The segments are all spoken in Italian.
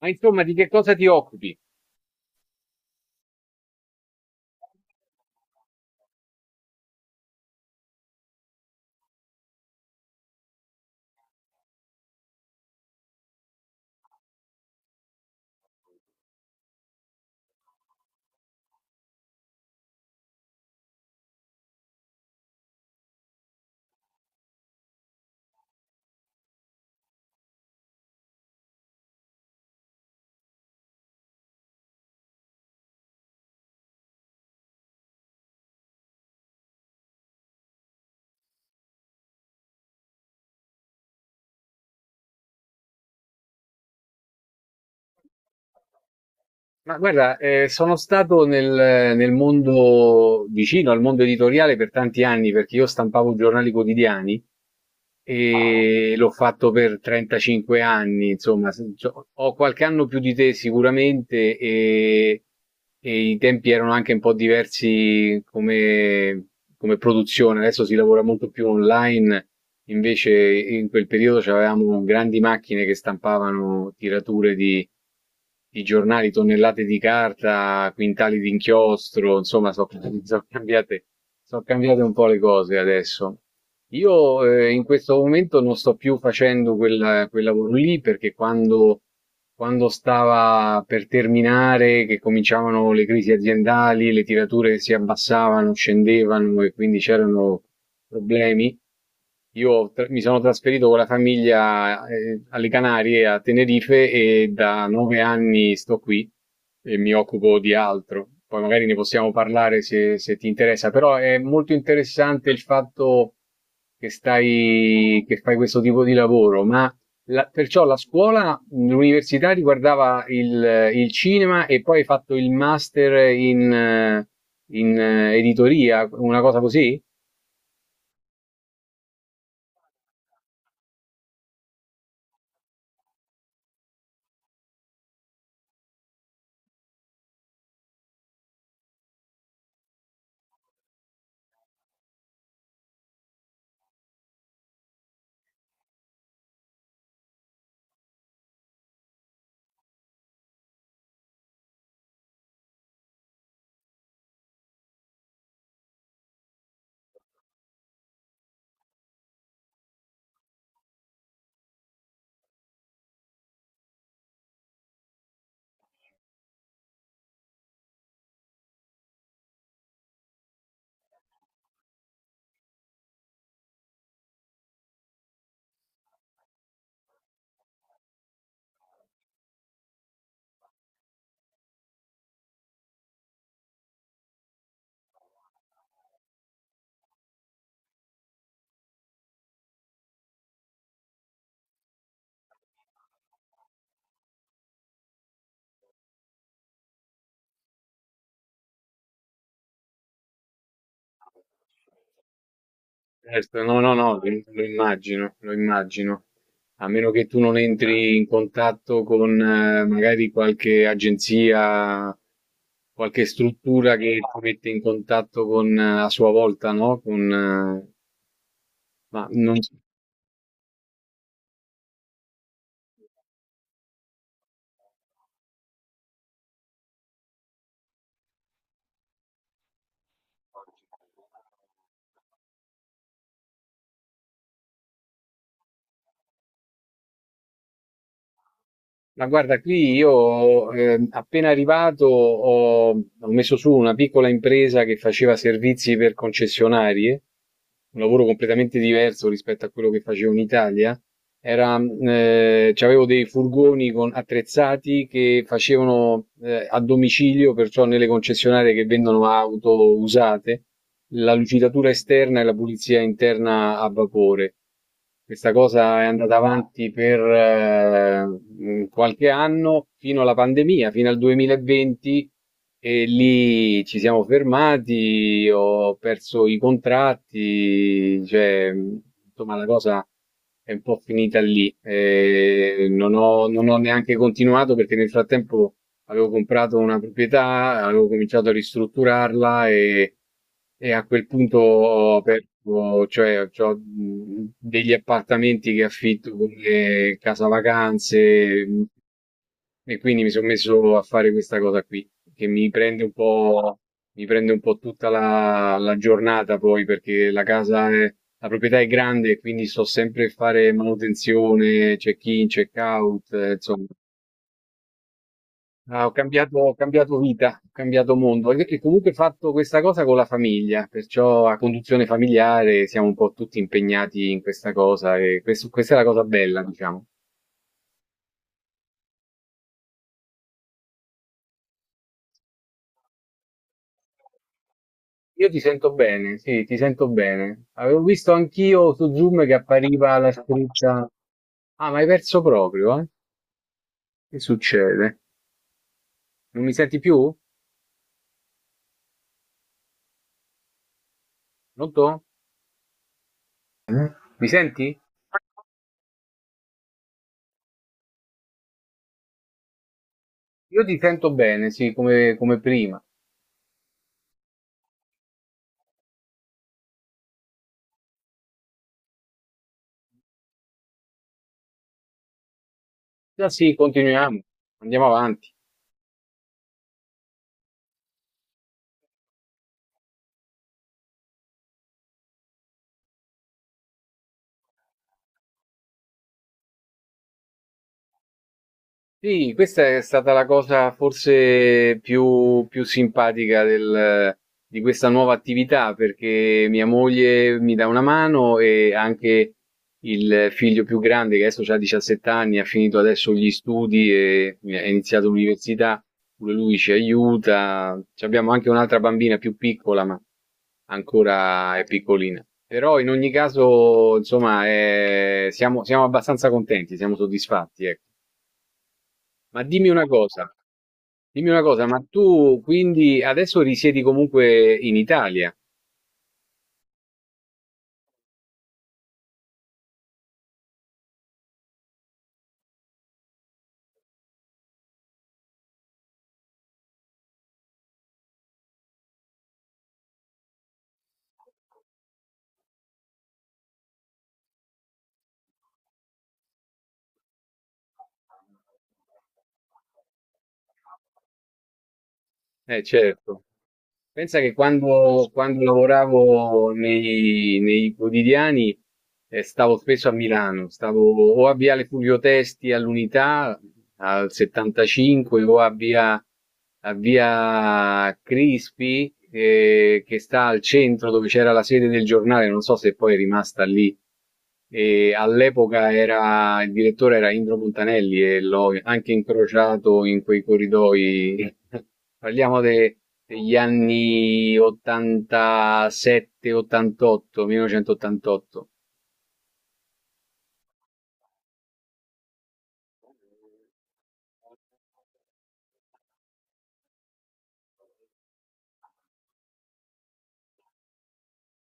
Ma insomma, di che cosa ti occupi? Ma guarda, sono stato nel mondo vicino al mondo editoriale per tanti anni perché io stampavo giornali quotidiani e l'ho fatto per 35 anni, insomma, ho qualche anno più di te sicuramente e i tempi erano anche un po' diversi come produzione, adesso si lavora molto più online, invece in quel periodo avevamo grandi macchine che stampavano tirature di giornali, tonnellate di carta, quintali di inchiostro, insomma, sono cambiate, sono cambiate un po' le cose adesso. Io in questo momento non sto più facendo quel lavoro lì perché quando stava per terminare, che cominciavano le crisi aziendali, le tirature si abbassavano, scendevano e quindi c'erano problemi, mi sono trasferito con la famiglia alle Canarie, a Tenerife, e da nove anni sto qui e mi occupo di altro. Poi magari ne possiamo parlare se ti interessa, però è molto interessante il fatto che che fai questo tipo di lavoro, ma perciò la scuola, l'università riguardava il cinema e poi hai fatto il master in editoria, una cosa così? Certo, no, no, no, lo immagino, lo immagino. A meno che tu non entri in contatto con magari qualche agenzia, qualche struttura che ti mette in contatto con a sua volta, no? Con, ma non, Ma guarda, qui io appena arrivato ho messo su una piccola impresa che faceva servizi per concessionarie, un lavoro completamente diverso rispetto a quello che facevo in Italia. Era, c'avevo dei furgoni attrezzati che facevano a domicilio, perciò nelle concessionarie che vendono auto usate la lucidatura esterna e la pulizia interna a vapore. Questa cosa è andata avanti per qualche anno, fino alla pandemia, fino al 2020, e lì ci siamo fermati, ho perso i contratti, insomma, la cosa è un po' finita lì. Non non ho neanche continuato perché nel frattempo avevo comprato una proprietà, avevo cominciato a ristrutturarla e a quel punto ho aperto, cioè ho degli appartamenti che affitto come casa vacanze, e quindi mi sono messo a fare questa cosa qui, che mi prende un mi prende un po' tutta la giornata poi perché la casa è, la proprietà è grande e quindi sto sempre a fare manutenzione, check-in, check-out, insomma. Ah, ho cambiato vita, ho cambiato mondo e comunque ho fatto questa cosa con la famiglia, perciò a conduzione familiare siamo un po' tutti impegnati in questa cosa e questa è la cosa bella, diciamo. Io ti sento bene, sì, ti sento bene. Avevo visto anch'io su Zoom che appariva la scritta. Ah, ma hai perso proprio, eh? Che succede? Non mi senti più? Pronto? Eh? Mi senti? Io ti sento bene, sì, come, come prima. Ah, sì, continuiamo, andiamo avanti. Sì, questa è stata la cosa forse più, più simpatica di questa nuova attività, perché mia moglie mi dà una mano e anche il figlio più grande, che adesso ha 17 anni, ha finito adesso gli studi e ha iniziato l'università, pure lui ci aiuta. Ci abbiamo anche un'altra bambina più piccola, ma ancora è piccolina. Però in ogni caso, insomma, siamo abbastanza contenti, siamo soddisfatti, ecco. Ma dimmi una cosa, ma tu quindi adesso risiedi comunque in Italia? Eh certo. Pensa che quando, quando lavoravo nei quotidiani stavo spesso a Milano, stavo o a Viale Fulvio Testi all'Unità al 75 o a a Via Crispi che sta al centro dove c'era la sede del giornale, non so se poi è rimasta lì. E all'epoca il direttore era Indro Montanelli e l'ho anche incrociato in quei corridoi. Parliamo degli anni 87-88, 1988.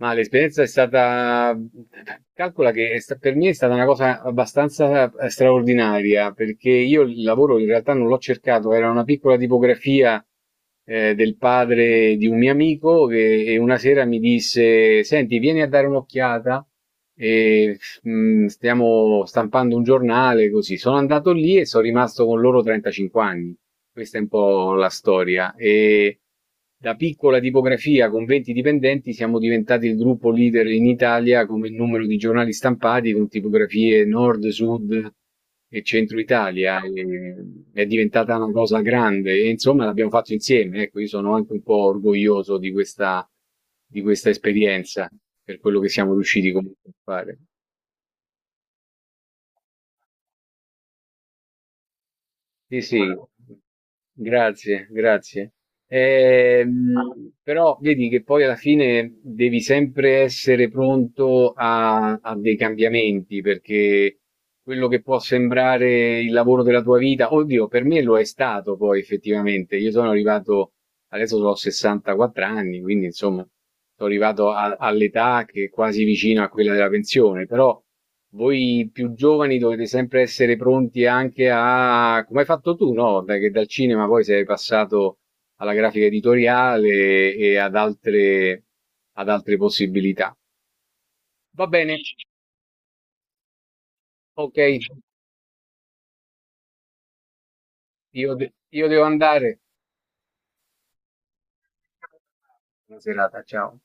Ma l'esperienza è stata, calcola che per me è stata una cosa abbastanza straordinaria, perché io il lavoro in realtà non l'ho cercato, era una piccola tipografia del padre di un mio amico che una sera mi disse, senti, vieni a dare un'occhiata, e, stiamo stampando un giornale, così. Sono andato lì e sono rimasto con loro 35 anni. Questa è un po' la storia. E da piccola tipografia con 20 dipendenti siamo diventati il gruppo leader in Italia come numero di giornali stampati con tipografie nord, sud e centro Italia. E è diventata una cosa grande e insomma l'abbiamo fatto insieme. Ecco, io sono anche un po' orgoglioso di questa esperienza per quello che siamo riusciti comunque a fare. Sì, sì, grazie, grazie. Però vedi che poi alla fine devi sempre essere pronto a dei cambiamenti, perché quello che può sembrare il lavoro della tua vita, oddio, per me lo è stato poi effettivamente. Io sono arrivato, adesso ho 64 anni, quindi insomma, sono arrivato all'età che è quasi vicino a quella della pensione, però voi più giovani dovete sempre essere pronti anche a come hai fatto tu, no, da che dal cinema poi sei passato alla grafica editoriale e ad altre possibilità. Va bene, ok, io devo andare. Buona serata, ciao.